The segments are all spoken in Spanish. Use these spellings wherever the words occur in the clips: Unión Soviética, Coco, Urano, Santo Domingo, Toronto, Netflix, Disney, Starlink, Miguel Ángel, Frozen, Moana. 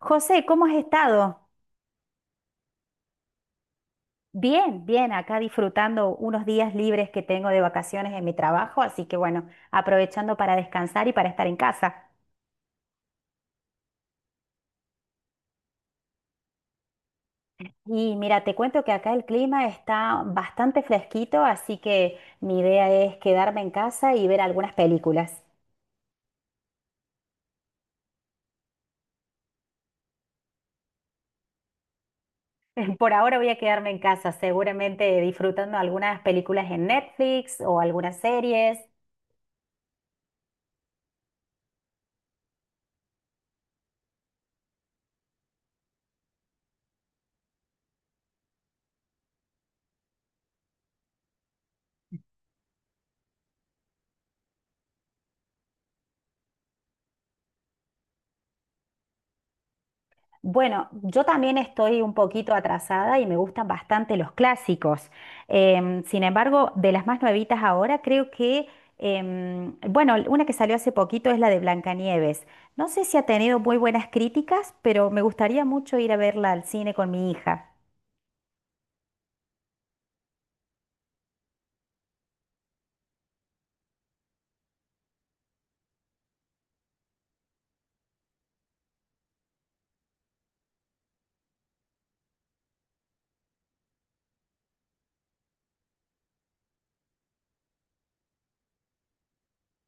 José, ¿cómo has estado? Bien, bien, acá disfrutando unos días libres que tengo de vacaciones en mi trabajo, así que bueno, aprovechando para descansar y para estar en casa. Y mira, te cuento que acá el clima está bastante fresquito, así que mi idea es quedarme en casa y ver algunas películas. Por ahora voy a quedarme en casa, seguramente disfrutando algunas películas en Netflix o algunas series. Bueno, yo también estoy un poquito atrasada y me gustan bastante los clásicos. Sin embargo, de las más nuevitas ahora, creo que una que salió hace poquito es la de Blancanieves. No sé si ha tenido muy buenas críticas, pero me gustaría mucho ir a verla al cine con mi hija.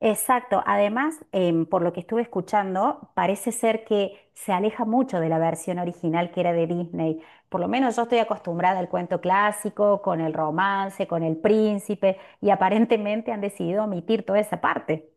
Exacto. Además, por lo que estuve escuchando, parece ser que se aleja mucho de la versión original que era de Disney. Por lo menos yo estoy acostumbrada al cuento clásico, con el romance, con el príncipe, y aparentemente han decidido omitir toda esa parte.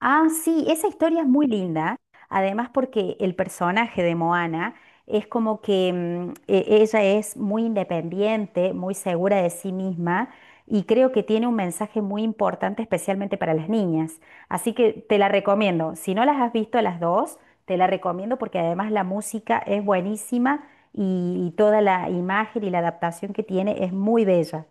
Ah, sí, esa historia es muy linda, además porque el personaje de Moana es como que ella es muy independiente, muy segura de sí misma y creo que tiene un mensaje muy importante especialmente para las niñas. Así que te la recomiendo. Si no las has visto las dos, te la recomiendo porque además la música es buenísima y toda la imagen y la adaptación que tiene es muy bella.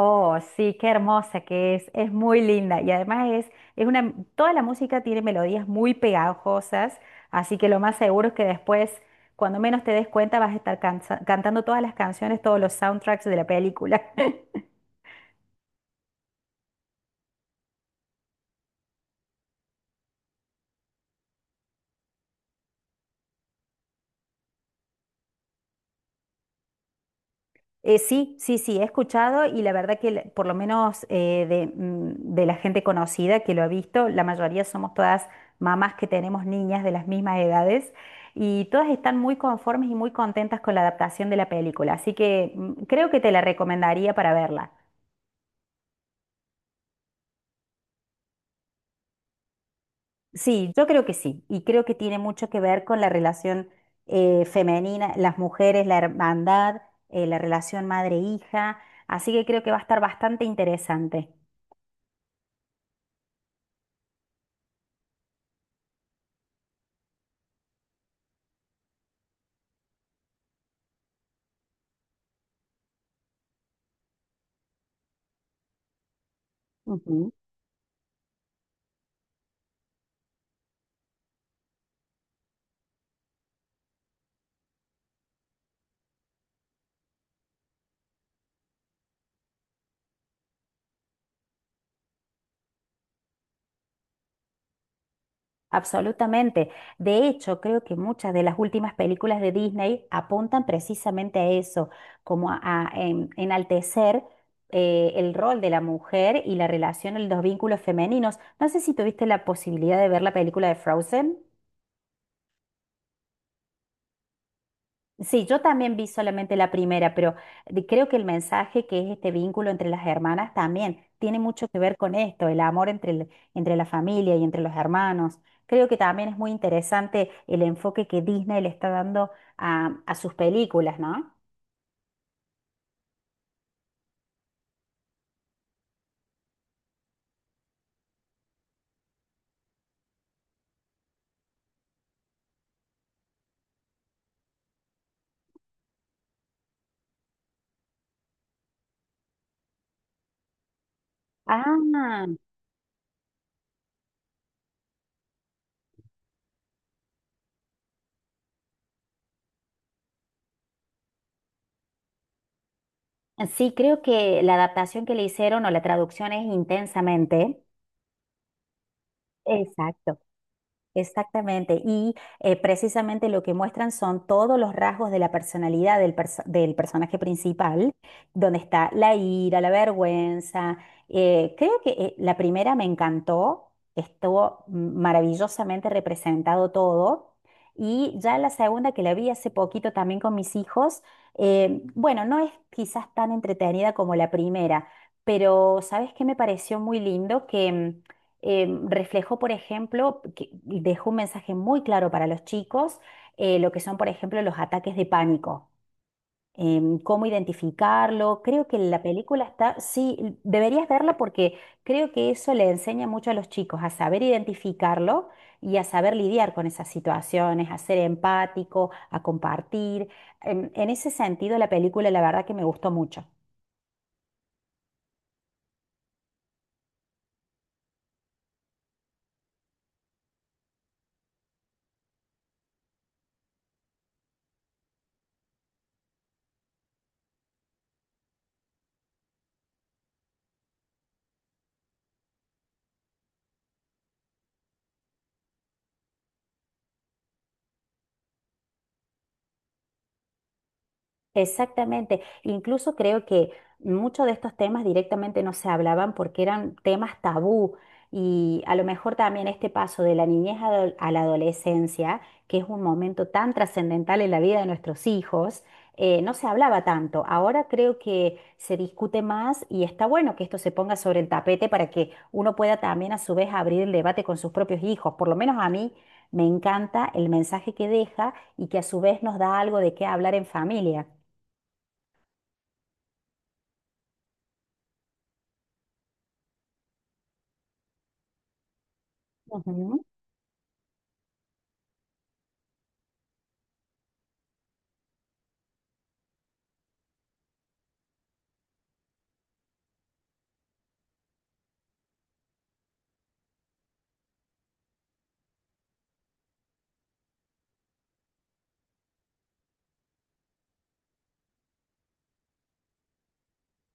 Oh, sí, qué hermosa que es muy linda y además es una, toda la música tiene melodías muy pegajosas, así que lo más seguro es que después, cuando menos te des cuenta, vas a estar cantando todas las canciones, todos los soundtracks de la película. Sí, sí, sí, he escuchado y la verdad por lo menos de la gente conocida que lo ha visto, la mayoría somos todas mamás que tenemos niñas de las mismas edades y todas están muy conformes y muy contentas con la adaptación de la película, así que creo que te la recomendaría para verla. Sí, yo creo que sí y creo que tiene mucho que ver con la relación femenina, las mujeres, la hermandad, la relación madre-hija, así que creo que va a estar bastante interesante. Ujú. Absolutamente. De hecho, creo que muchas de las últimas películas de Disney apuntan precisamente a eso, como a enaltecer el rol de la mujer y la relación, los vínculos femeninos. No sé si tuviste la posibilidad de ver la película de Frozen. Sí, yo también vi solamente la primera, pero creo que el mensaje que es este vínculo entre las hermanas también tiene mucho que ver con esto, el amor entre la familia y entre los hermanos. Creo que también es muy interesante el enfoque que Disney le está dando a sus películas, ¿no? Ah, sí, creo que la adaptación que le hicieron o la traducción es intensamente. Exacto. Exactamente, y precisamente lo que muestran son todos los rasgos de la personalidad del personaje principal, donde está la ira, la vergüenza. Creo que la primera me encantó, estuvo maravillosamente representado todo, y ya la segunda que la vi hace poquito también con mis hijos, bueno, no es quizás tan entretenida como la primera, pero ¿sabes qué me pareció muy lindo? Que reflejó, por ejemplo, que dejó un mensaje muy claro para los chicos, lo que son, por ejemplo, los ataques de pánico, cómo identificarlo. Creo que la película está, sí, deberías verla porque creo que eso le enseña mucho a los chicos a saber identificarlo y a saber lidiar con esas situaciones, a ser empático, a compartir. En ese sentido, la película, la verdad que me gustó mucho. Exactamente. Incluso creo que muchos de estos temas directamente no se hablaban porque eran temas tabú y a lo mejor también este paso de la a la adolescencia, que es un momento tan trascendental en la vida de nuestros hijos, no se hablaba tanto. Ahora creo que se discute más y está bueno que esto se ponga sobre el tapete para que uno pueda también a su vez abrir el debate con sus propios hijos. Por lo menos a mí me encanta el mensaje que deja y que a su vez nos da algo de qué hablar en familia. Ujú.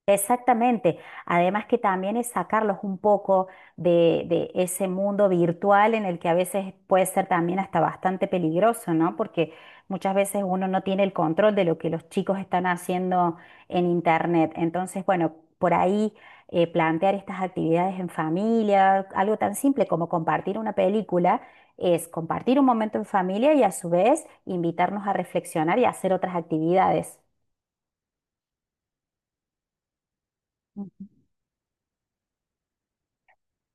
Exactamente. Además que también es sacarlos un poco de ese mundo virtual en el que a veces puede ser también hasta bastante peligroso, ¿no? Porque muchas veces uno no tiene el control de lo que los chicos están haciendo en internet. Entonces, bueno, por ahí plantear estas actividades en familia, algo tan simple como compartir una película, es compartir un momento en familia y a su vez invitarnos a reflexionar y a hacer otras actividades.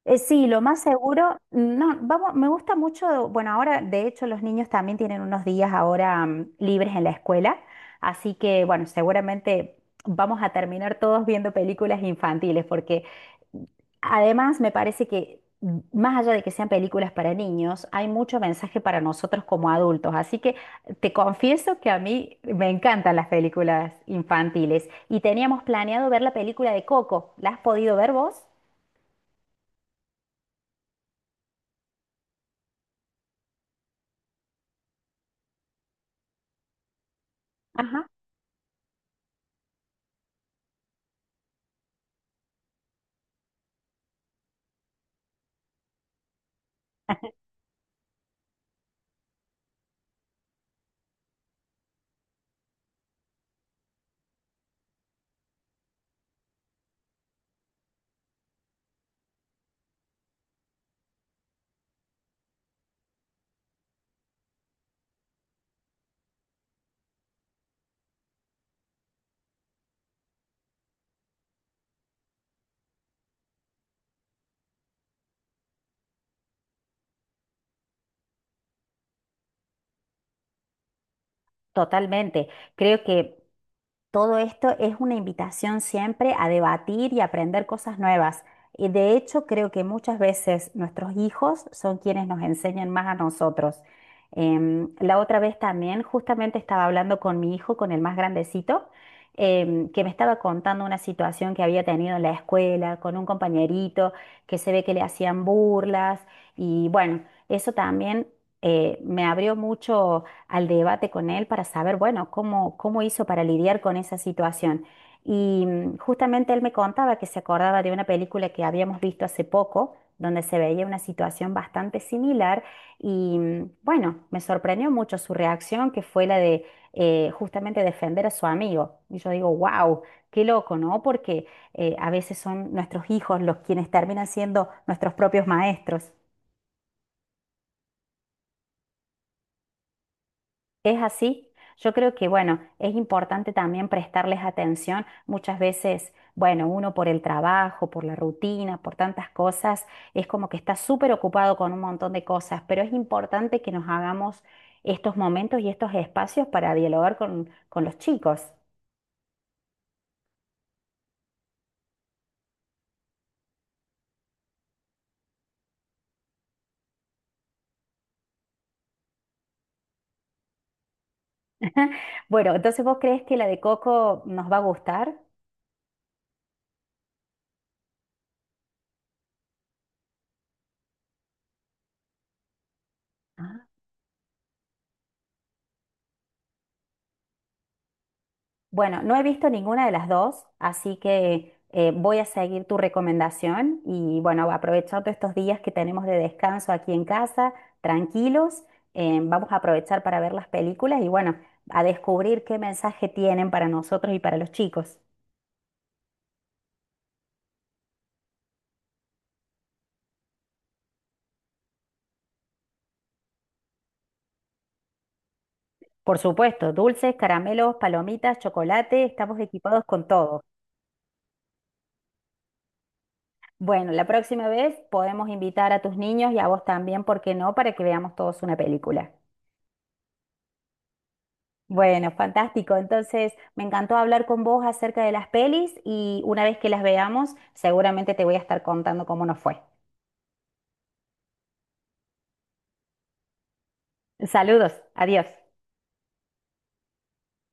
Sí, lo más seguro, no, vamos, me gusta mucho, bueno, ahora de hecho los niños también tienen unos días ahora libres en la escuela, así que bueno, seguramente vamos a terminar todos viendo películas infantiles, porque además me parece que más allá de que sean películas para niños, hay mucho mensaje para nosotros como adultos, así que te confieso que a mí me encantan las películas infantiles y teníamos planeado ver la película de Coco, ¿la has podido ver vos? Ajá. Totalmente. Creo que todo esto es una invitación siempre a debatir y aprender cosas nuevas. Y de hecho, creo que muchas veces nuestros hijos son quienes nos enseñan más a nosotros. La otra vez también, justamente estaba hablando con mi hijo, con el más grandecito, que me estaba contando una situación que había tenido en la escuela con un compañerito que se ve que le hacían burlas. Y bueno, eso también me abrió mucho al debate con él para saber, bueno, cómo hizo para lidiar con esa situación. Y justamente él me contaba que se acordaba de una película que habíamos visto hace poco, donde se veía una situación bastante similar y bueno, me sorprendió mucho su reacción, que fue la de justamente defender a su amigo. Y yo digo, wow, qué loco, ¿no? Porque a veces son nuestros hijos los quienes terminan siendo nuestros propios maestros. Es así. Yo creo que, bueno, es importante también prestarles atención. Muchas veces, bueno, uno por el trabajo, por la rutina, por tantas cosas, es como que está súper ocupado con un montón de cosas, pero es importante que nos hagamos estos momentos y estos espacios para dialogar con los chicos. Bueno, entonces, ¿vos crees que la de Coco nos va a gustar? Bueno, no he visto ninguna de las dos, así que voy a seguir tu recomendación y bueno, aprovechando estos días que tenemos de descanso aquí en casa, tranquilos, vamos a aprovechar para ver las películas y bueno, a descubrir qué mensaje tienen para nosotros y para los chicos. Por supuesto, dulces, caramelos, palomitas, chocolate, estamos equipados con todo. Bueno, la próxima vez podemos invitar a tus niños y a vos también, ¿por qué no? Para que veamos todos una película. Bueno, fantástico. Entonces, me encantó hablar con vos acerca de las pelis y una vez que las veamos, seguramente te voy a estar contando cómo nos fue. Saludos, adiós.